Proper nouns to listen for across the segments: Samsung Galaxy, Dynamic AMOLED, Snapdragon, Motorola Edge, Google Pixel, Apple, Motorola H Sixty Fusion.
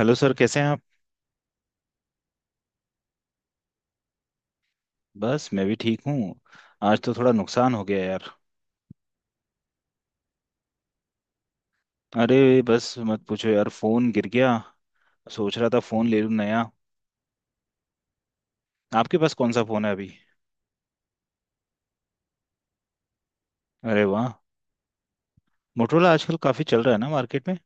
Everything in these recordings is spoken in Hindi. हेलो सर, कैसे हैं आप? बस मैं भी ठीक हूँ। आज तो थोड़ा नुकसान हो गया यार। अरे, बस मत पूछो यार, फोन गिर गया। सोच रहा था फोन ले लूँ नया। आपके पास कौन सा फोन है अभी? अरे वाह। मोटरोला आजकल काफी चल रहा है ना मार्केट में।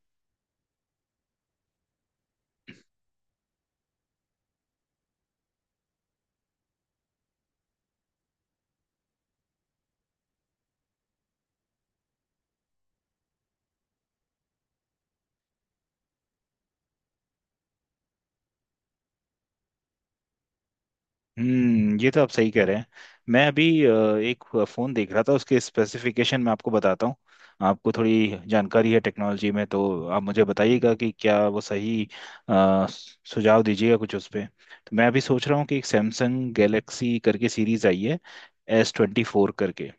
हम्म, ये तो आप सही कह रहे हैं। मैं अभी एक फ़ोन देख रहा था, उसके स्पेसिफिकेशन मैं आपको बताता हूँ। आपको थोड़ी जानकारी है टेक्नोलॉजी में, तो आप मुझे बताइएगा कि क्या वो सही अ, सुझाव दीजिएगा कुछ उस पे। तो मैं अभी सोच रहा हूँ कि एक सैमसंग गैलेक्सी करके सीरीज़ आई है, S24 करके।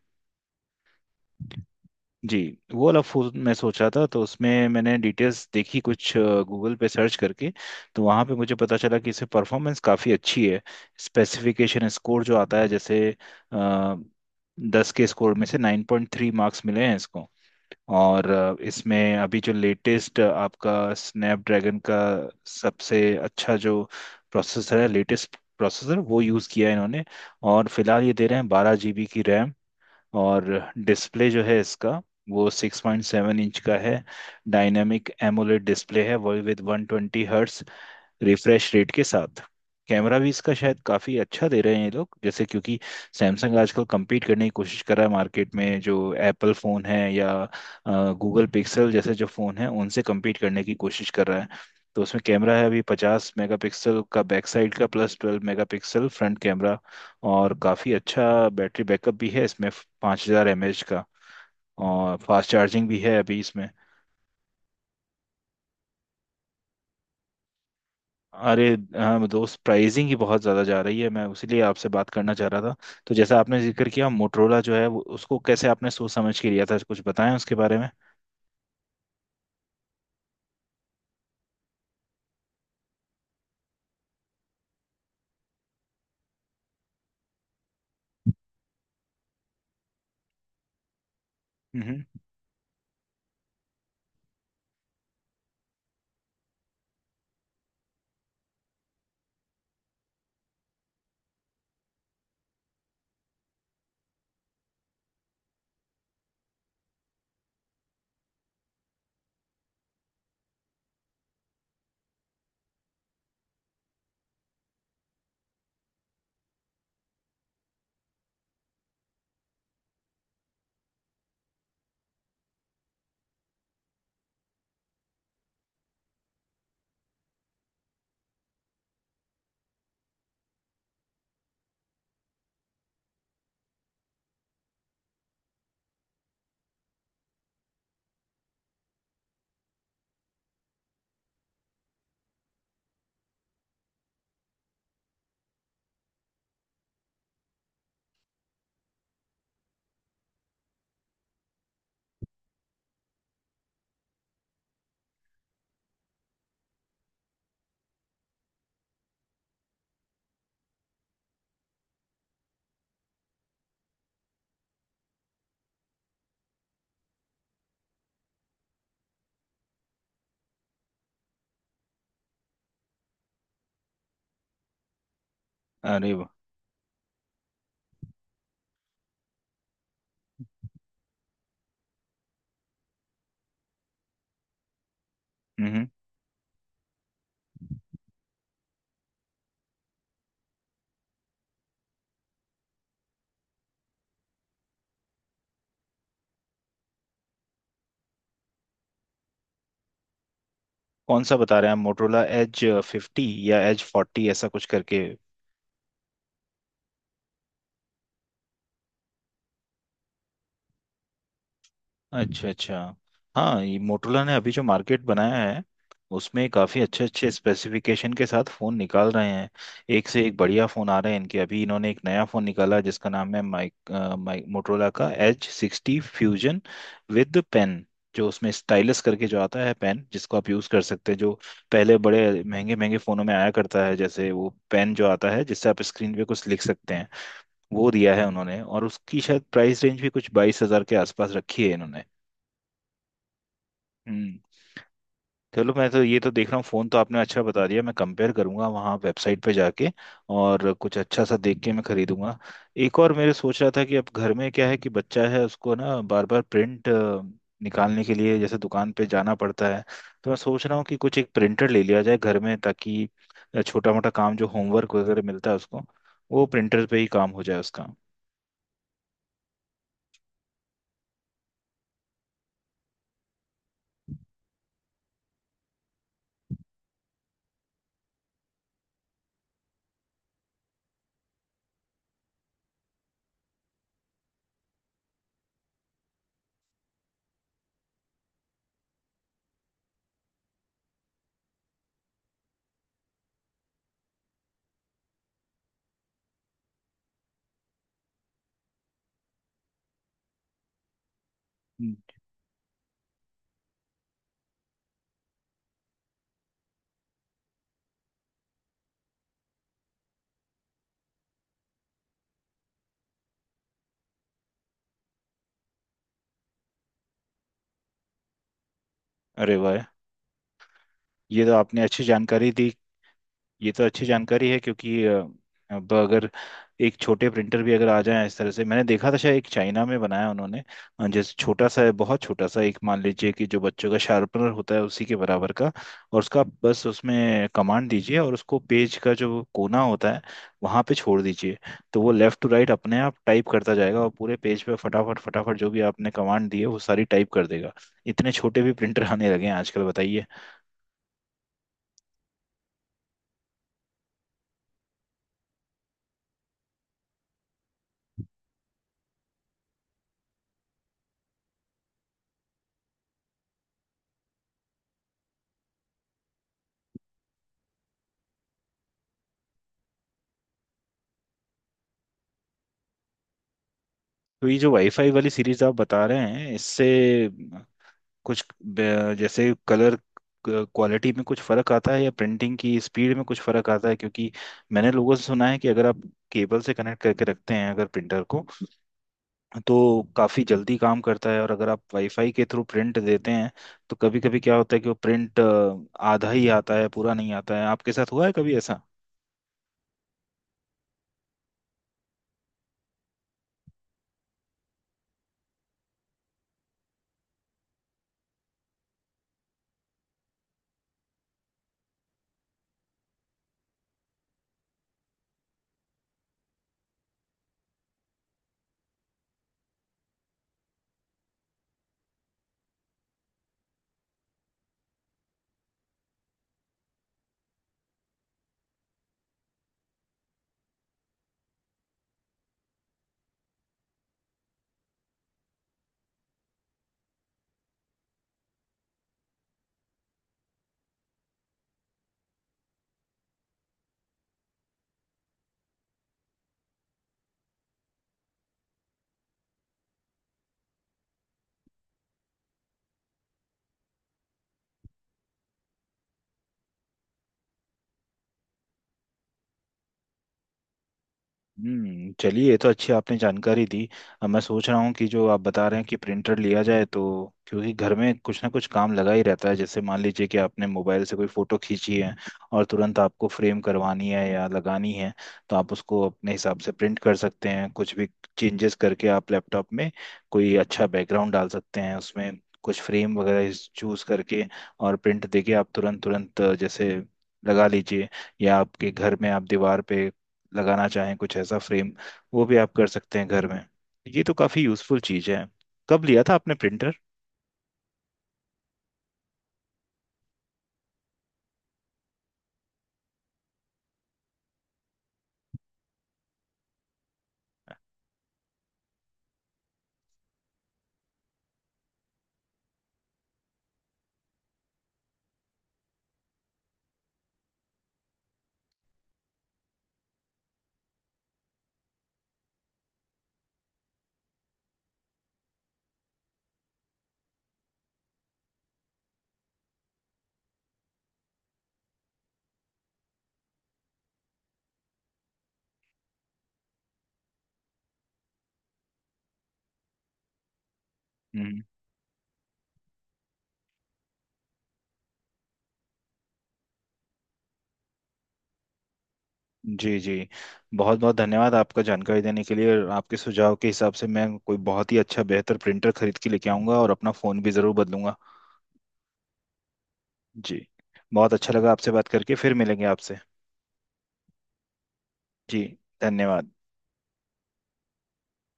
जी। वो वाला फूल मैं सोचा था, तो उसमें मैंने डिटेल्स देखी कुछ गूगल पे सर्च करके। तो वहाँ पे मुझे पता चला कि इससे परफॉर्मेंस काफ़ी अच्छी है। स्पेसिफिकेशन स्कोर जो आता है जैसे आ, 10 के स्कोर में से 9.3 मार्क्स मिले हैं इसको। और इसमें अभी जो लेटेस्ट आपका स्नैपड्रैगन का सबसे अच्छा जो प्रोसेसर है, लेटेस्ट प्रोसेसर वो यूज़ किया है इन्होंने। और फिलहाल ये दे रहे हैं 12 GB की रैम। और डिस्प्ले जो है इसका, वो 6.7 इंच का है। डायनामिक एमोलेड डिस्प्ले है वो, विद 120Hz रिफ्रेश रेट के साथ। कैमरा भी इसका शायद काफ़ी अच्छा दे रहे हैं ये लोग, जैसे क्योंकि सैमसंग आजकल compete करने की कोशिश कर रहा है मार्केट में जो एप्पल फ़ोन है या गूगल पिक्सल जैसे जो फ़ोन है उनसे compete करने की कोशिश कर रहा है। तो उसमें कैमरा है अभी 50 मेगापिक्सल का बैक साइड का, प्लस 12 मेगापिक्सल फ्रंट कैमरा। और काफ़ी अच्छा बैटरी बैकअप भी है इसमें, 5000 mAh का। और फास्ट चार्जिंग भी है अभी इसमें। अरे हाँ दोस्त, प्राइसिंग ही बहुत ज़्यादा जा रही है, मैं उसीलिए आपसे बात करना चाह रहा था। तो जैसा आपने जिक्र किया मोटरोला जो है उसको कैसे आपने सोच समझ के लिया था, कुछ बताएं उसके बारे में। हम्म। अरे वाह। हम्म। कौन सा बता रहे हैं आप, मोटरोला Edge 50 या Edge 40, ऐसा कुछ करके? अच्छा अच्छा। हाँ, ये मोटोला ने अभी जो मार्केट बनाया है उसमें काफ़ी अच्छे अच्छे स्पेसिफिकेशन के साथ फ़ोन निकाल रहे हैं। एक से एक बढ़िया फ़ोन आ रहे हैं इनके। अभी इन्होंने एक नया फ़ोन निकाला जिसका नाम है माइक मोटोला का H60 Fusion विद पेन। जो उसमें स्टाइलस करके जो आता है पेन, जिसको आप यूज़ कर सकते हैं, जो पहले बड़े महंगे महंगे फ़ोनों में आया करता है, जैसे वो पेन जो आता है जिससे आप स्क्रीन पे कुछ लिख सकते हैं, वो दिया है उन्होंने। और उसकी शायद प्राइस रेंज भी कुछ 22,000 के आसपास रखी है इन्होंने। हम्म। चलो, मैं तो ये तो देख रहा हूँ, फोन तो आपने अच्छा बता दिया, मैं कंपेयर करूंगा वहाँ वेबसाइट पे जाके और कुछ अच्छा सा देख के मैं खरीदूंगा। एक और मेरे सोच रहा था कि अब घर में क्या है कि बच्चा है, उसको ना बार बार प्रिंट निकालने के लिए जैसे दुकान पे जाना पड़ता है, तो मैं सोच रहा हूँ कि कुछ एक प्रिंटर ले लिया जाए घर में, ताकि छोटा मोटा काम जो होमवर्क वगैरह मिलता है उसको, वो प्रिंटर पे ही काम हो जाए उसका। हम्म। अरे वाह, ये तो आपने अच्छी जानकारी दी। ये तो अच्छी जानकारी है, क्योंकि अब अगर एक छोटे प्रिंटर भी अगर आ जाए, इस तरह से मैंने देखा था शायद एक चाइना में बनाया उन्होंने। जैसे छोटा सा है, बहुत छोटा सा, एक मान लीजिए कि जो बच्चों का शार्पनर होता है उसी के बराबर का। और उसका आप बस उसमें कमांड दीजिए और उसको पेज का जो कोना होता है, वहाँ पे छोड़ दीजिए, तो वो लेफ्ट टू राइट अपने आप टाइप करता जाएगा और पूरे पेज पे फटाफट फटाफट जो भी आपने कमांड दी है वो सारी टाइप कर देगा। इतने छोटे भी प्रिंटर आने लगे हैं आजकल, बताइए। तो ये जो वाईफाई वाली सीरीज आप बता रहे हैं, इससे कुछ जैसे कलर क्वालिटी में कुछ फर्क आता है या प्रिंटिंग की स्पीड में कुछ फर्क आता है? क्योंकि मैंने लोगों से सुना है कि अगर आप केबल से कनेक्ट करके रखते हैं अगर प्रिंटर को, तो काफ़ी जल्दी काम करता है, और अगर आप वाईफाई के थ्रू प्रिंट देते हैं तो कभी कभी क्या होता है कि वो प्रिंट आधा ही आता है, पूरा नहीं आता है। आपके साथ हुआ है कभी ऐसा? हम्म, चलिए, ये तो अच्छी आपने जानकारी दी। अब मैं सोच रहा हूँ कि जो आप बता रहे हैं कि प्रिंटर लिया जाए, तो क्योंकि घर में कुछ ना कुछ काम लगा ही रहता है। जैसे मान लीजिए कि आपने मोबाइल से कोई फोटो खींची है और तुरंत आपको फ्रेम करवानी है या लगानी है, तो आप उसको अपने हिसाब से प्रिंट कर सकते हैं, कुछ भी चेंजेस करके आप लैपटॉप में कोई अच्छा बैकग्राउंड डाल सकते हैं उसमें, कुछ फ्रेम वगैरह चूज करके, और प्रिंट देके आप तुरंत तुरंत जैसे लगा लीजिए। या आपके घर में आप दीवार पे लगाना चाहें कुछ ऐसा फ्रेम, वो भी आप कर सकते हैं घर में। ये तो काफ़ी यूज़फुल चीज़ है। कब लिया था आपने प्रिंटर? हम्म। जी जी, बहुत बहुत धन्यवाद आपका जानकारी देने के लिए, और आपके सुझाव के हिसाब से मैं कोई बहुत ही अच्छा बेहतर प्रिंटर खरीद के लेके आऊँगा और अपना फ़ोन भी ज़रूर बदलूंगा। जी। बहुत अच्छा लगा आपसे बात करके, फिर मिलेंगे आपसे। जी, धन्यवाद।